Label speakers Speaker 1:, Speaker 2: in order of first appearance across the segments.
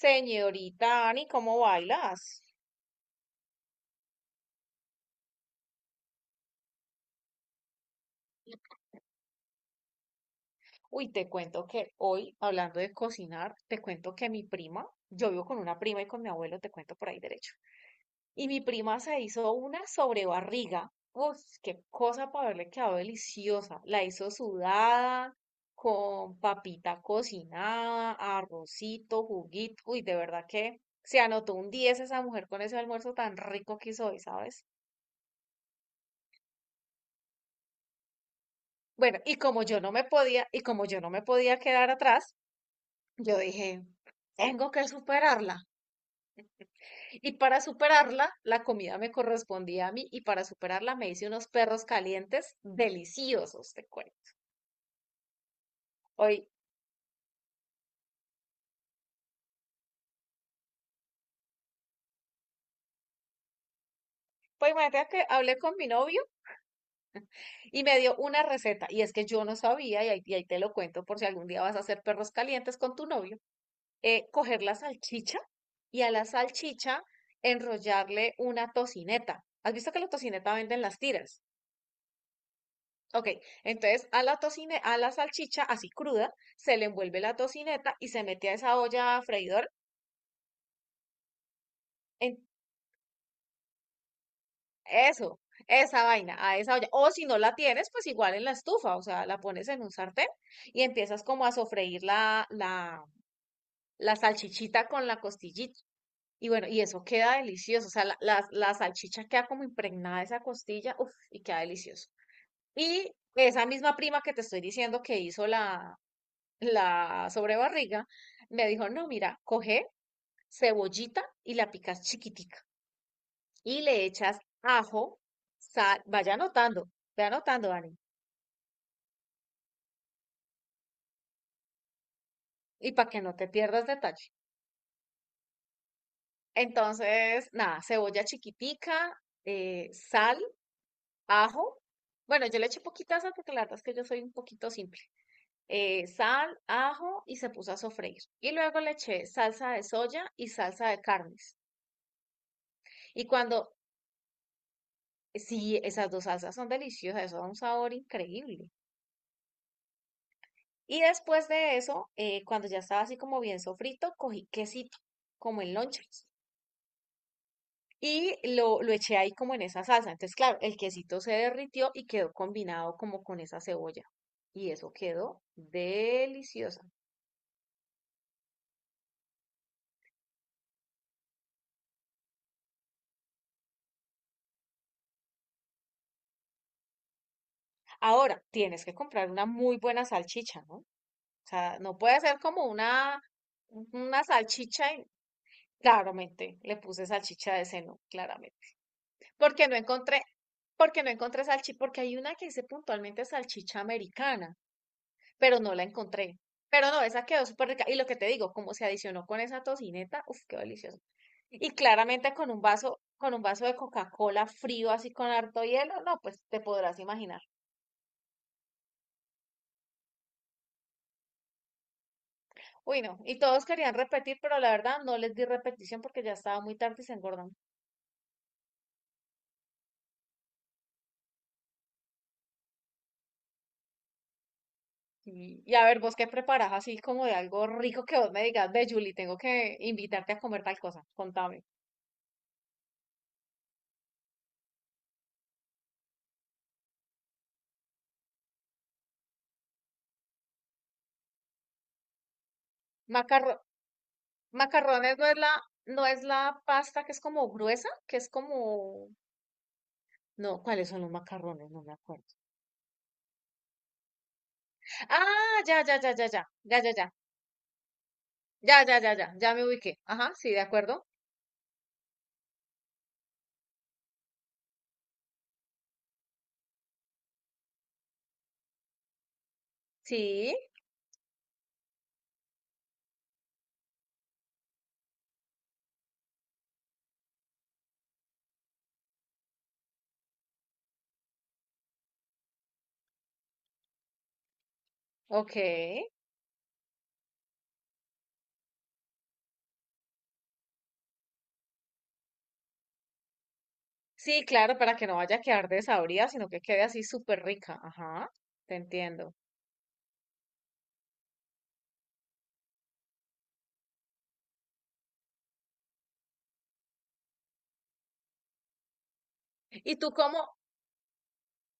Speaker 1: Señorita Ani, ¿cómo bailas? Uy, te cuento que hoy, hablando de cocinar, te cuento que mi prima, yo vivo con una prima y con mi abuelo, te cuento por ahí derecho. Y mi prima se hizo una sobrebarriga. Uf, qué cosa para haberle quedado deliciosa. La hizo sudada, con papita cocinada, arrocito, juguito. Uy, de verdad que se anotó un 10 esa mujer con ese almuerzo tan rico que hizo hoy, ¿sabes? Bueno, y como yo no me podía, y como yo no me podía quedar atrás, yo dije, tengo que superarla. Y para superarla, la comida me correspondía a mí, y para superarla me hice unos perros calientes deliciosos, te cuento. Hoy, pues imagínate que hablé con mi novio y me dio una receta, y es que yo no sabía, y ahí te lo cuento por si algún día vas a hacer perros calientes con tu novio, coger la salchicha y a la salchicha enrollarle una tocineta. ¿Has visto que la tocineta venden las tiras? Ok, entonces a la salchicha así cruda, se le envuelve la tocineta y se mete a esa olla freidor. En eso, esa vaina, a esa olla. O si no la tienes, pues igual en la estufa, o sea, la pones en un sartén y empiezas como a sofreír la salchichita con la costillita. Y bueno, y eso queda delicioso, o sea, la salchicha queda como impregnada de esa costilla, uff, y queda delicioso. Y esa misma prima que te estoy diciendo que hizo la sobrebarriga, me dijo, no, mira, coge cebollita y la picas chiquitica y le echas ajo, sal, vaya anotando, ve anotando, Dani, y para que no te pierdas detalle. Entonces, nada, cebolla chiquitica, sal, ajo. Bueno, yo le eché poquita sal porque la verdad es que yo soy un poquito simple. Sal, ajo y se puso a sofreír. Y luego le eché salsa de soya y salsa de carnes. Y cuando Sí, esas dos salsas son deliciosas, eso da un sabor increíble. Y después de eso, cuando ya estaba así como bien sofrito, cogí quesito, como en lonchas, y lo eché ahí como en esa salsa. Entonces, claro, el quesito se derritió y quedó combinado como con esa cebolla. Y eso quedó deliciosa. Ahora, tienes que comprar una muy buena salchicha, ¿no? O sea, no puede ser como una salchicha y claramente le puse salchicha de seno, claramente. Porque no encontré, porque no encontré salchicha, porque hay una que dice puntualmente salchicha americana, pero no la encontré. Pero no, esa quedó súper rica. Y lo que te digo, como se adicionó con esa tocineta, uff, qué delicioso. Y claramente con un vaso de Coca-Cola frío, así con harto hielo, no, pues te podrás imaginar. Uy, no. Y todos querían repetir, pero la verdad no les di repetición porque ya estaba muy tarde y se engordan. Y a ver, vos qué preparás así como de algo rico que vos me digas, ve, Julie, tengo que invitarte a comer tal cosa. Contame. Macarro Macarrones no es no es la pasta que es como gruesa, que es como, no, ¿cuáles son los macarrones? No me acuerdo. Ah, ya, ya, ya, ya, ya, ya, ya, ya, ya, ya, ya, ya, ya me ubiqué. Ajá, sí, de acuerdo. Sí, ok. Sí, claro, para que no vaya a quedar desabrida, sino que quede así súper rica. Ajá, te entiendo. ¿Y tú cómo,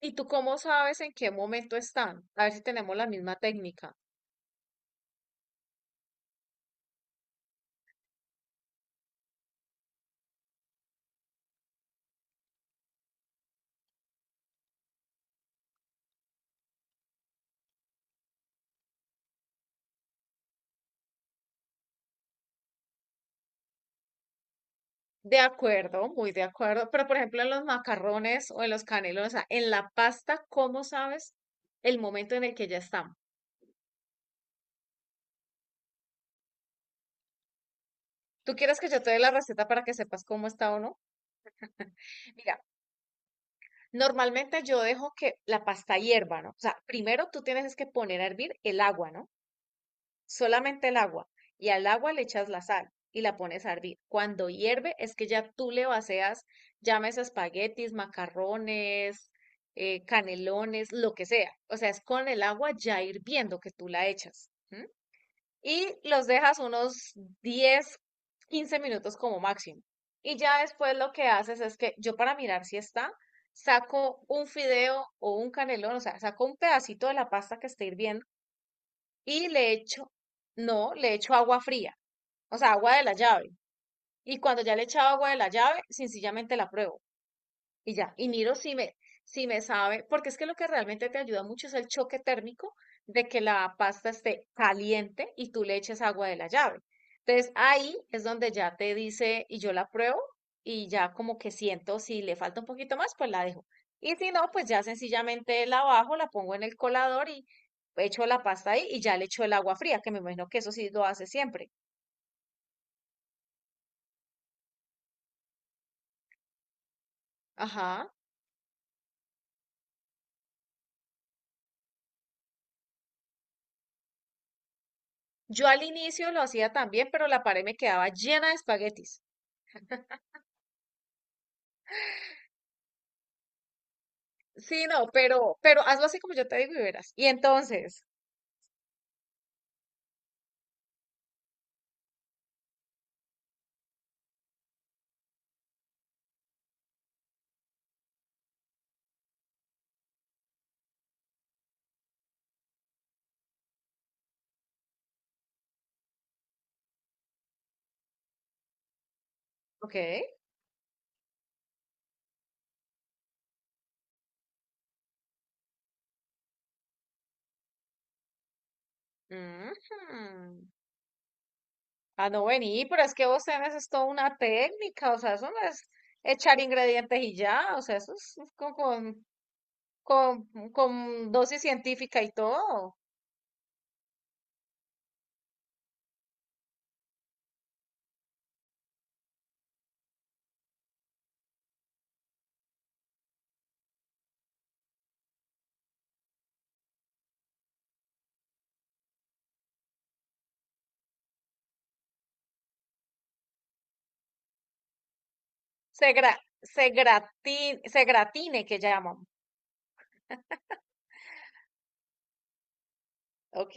Speaker 1: ¿y tú cómo sabes en qué momento están? A ver si tenemos la misma técnica. De acuerdo, muy de acuerdo. Pero, por ejemplo, en los macarrones o en los canelones, o sea, en la pasta, ¿cómo sabes el momento en el que ya están? ¿Tú quieres que yo te dé la receta para que sepas cómo está o no? Mira, normalmente yo dejo que la pasta hierva, ¿no? O sea, primero tú tienes es que poner a hervir el agua, ¿no? Solamente el agua, y al agua le echas la sal y la pones a hervir. Cuando hierve es que ya tú le vacías, llames espaguetis, macarrones, canelones, lo que sea. O sea, es con el agua ya hirviendo que tú la echas. ¿M? Y los dejas unos 10, 15 minutos como máximo. Y ya después lo que haces es que yo para mirar si está, saco un fideo o un canelón, o sea, saco un pedacito de la pasta que esté hirviendo y le echo, no, le echo agua fría, o sea, agua de la llave. Y cuando ya le he echado agua de la llave, sencillamente la pruebo y ya. Y miro si me sabe, porque es que lo que realmente te ayuda mucho es el choque térmico de que la pasta esté caliente y tú le eches agua de la llave. Entonces ahí es donde ya te dice y yo la pruebo y ya como que siento si le falta un poquito más, pues la dejo. Y si no, pues ya sencillamente la bajo, la pongo en el colador y echo la pasta ahí y ya le echo el agua fría, que me imagino que eso sí lo hace siempre. Ajá. Yo al inicio lo hacía también, pero la pared me quedaba llena de espaguetis. Sí, no, pero hazlo así como yo te digo y verás. Y entonces, ok. Ujú. Ah, no, vení, pero es que vos tenés es toda una técnica, o sea, eso no es echar ingredientes y ya, o sea, eso es con dosis científica y todo. Se gra, se gratine que llaman. Ok.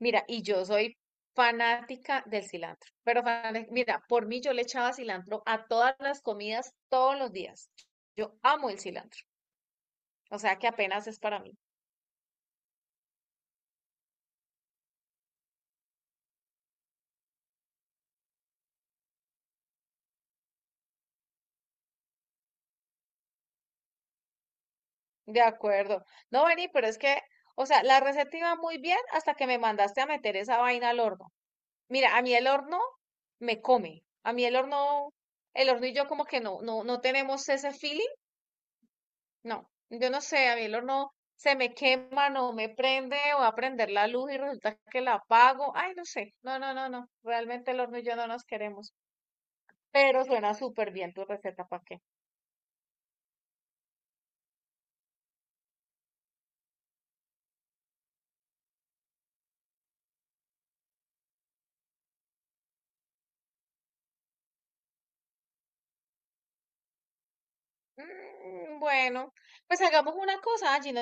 Speaker 1: Mira, y yo soy fanática del cilantro, pero fana- mira, por mí yo le echaba cilantro a todas las comidas todos los días. Yo amo el cilantro, o sea que apenas es para mí. De acuerdo. No, Beni, pero es que, o sea, la receta iba muy bien hasta que me mandaste a meter esa vaina al horno. Mira, a mí el horno me come. A mí el horno y yo como que no, no tenemos ese feeling. No, yo no sé, a mí el horno se me quema, no me prende, o a prender la luz y resulta que la apago. Ay, no sé, no, no, no, no, realmente el horno y yo no nos queremos, pero suena súper bien tu receta, ¿para qué? Mm, bueno, pues hagamos una cosa, Angie,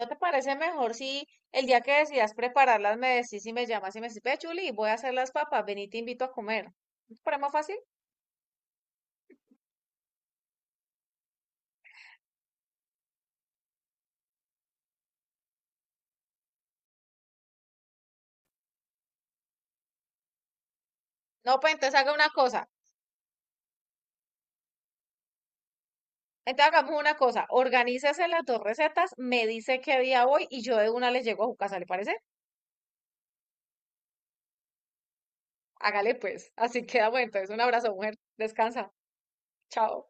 Speaker 1: ¿no te parece mejor si el día que decidas prepararlas me decís y me llamas y me decís, ve, Chuli, voy a hacer las papas, ven y te invito a comer? ¿No te parece más fácil? No, pues entonces haga una cosa. Entonces hagamos una cosa, organícese las dos recetas, me dice qué día voy y yo de una les llego a su casa, ¿le parece? Hágale pues, así quedamos entonces. Un abrazo, mujer, descansa, chao.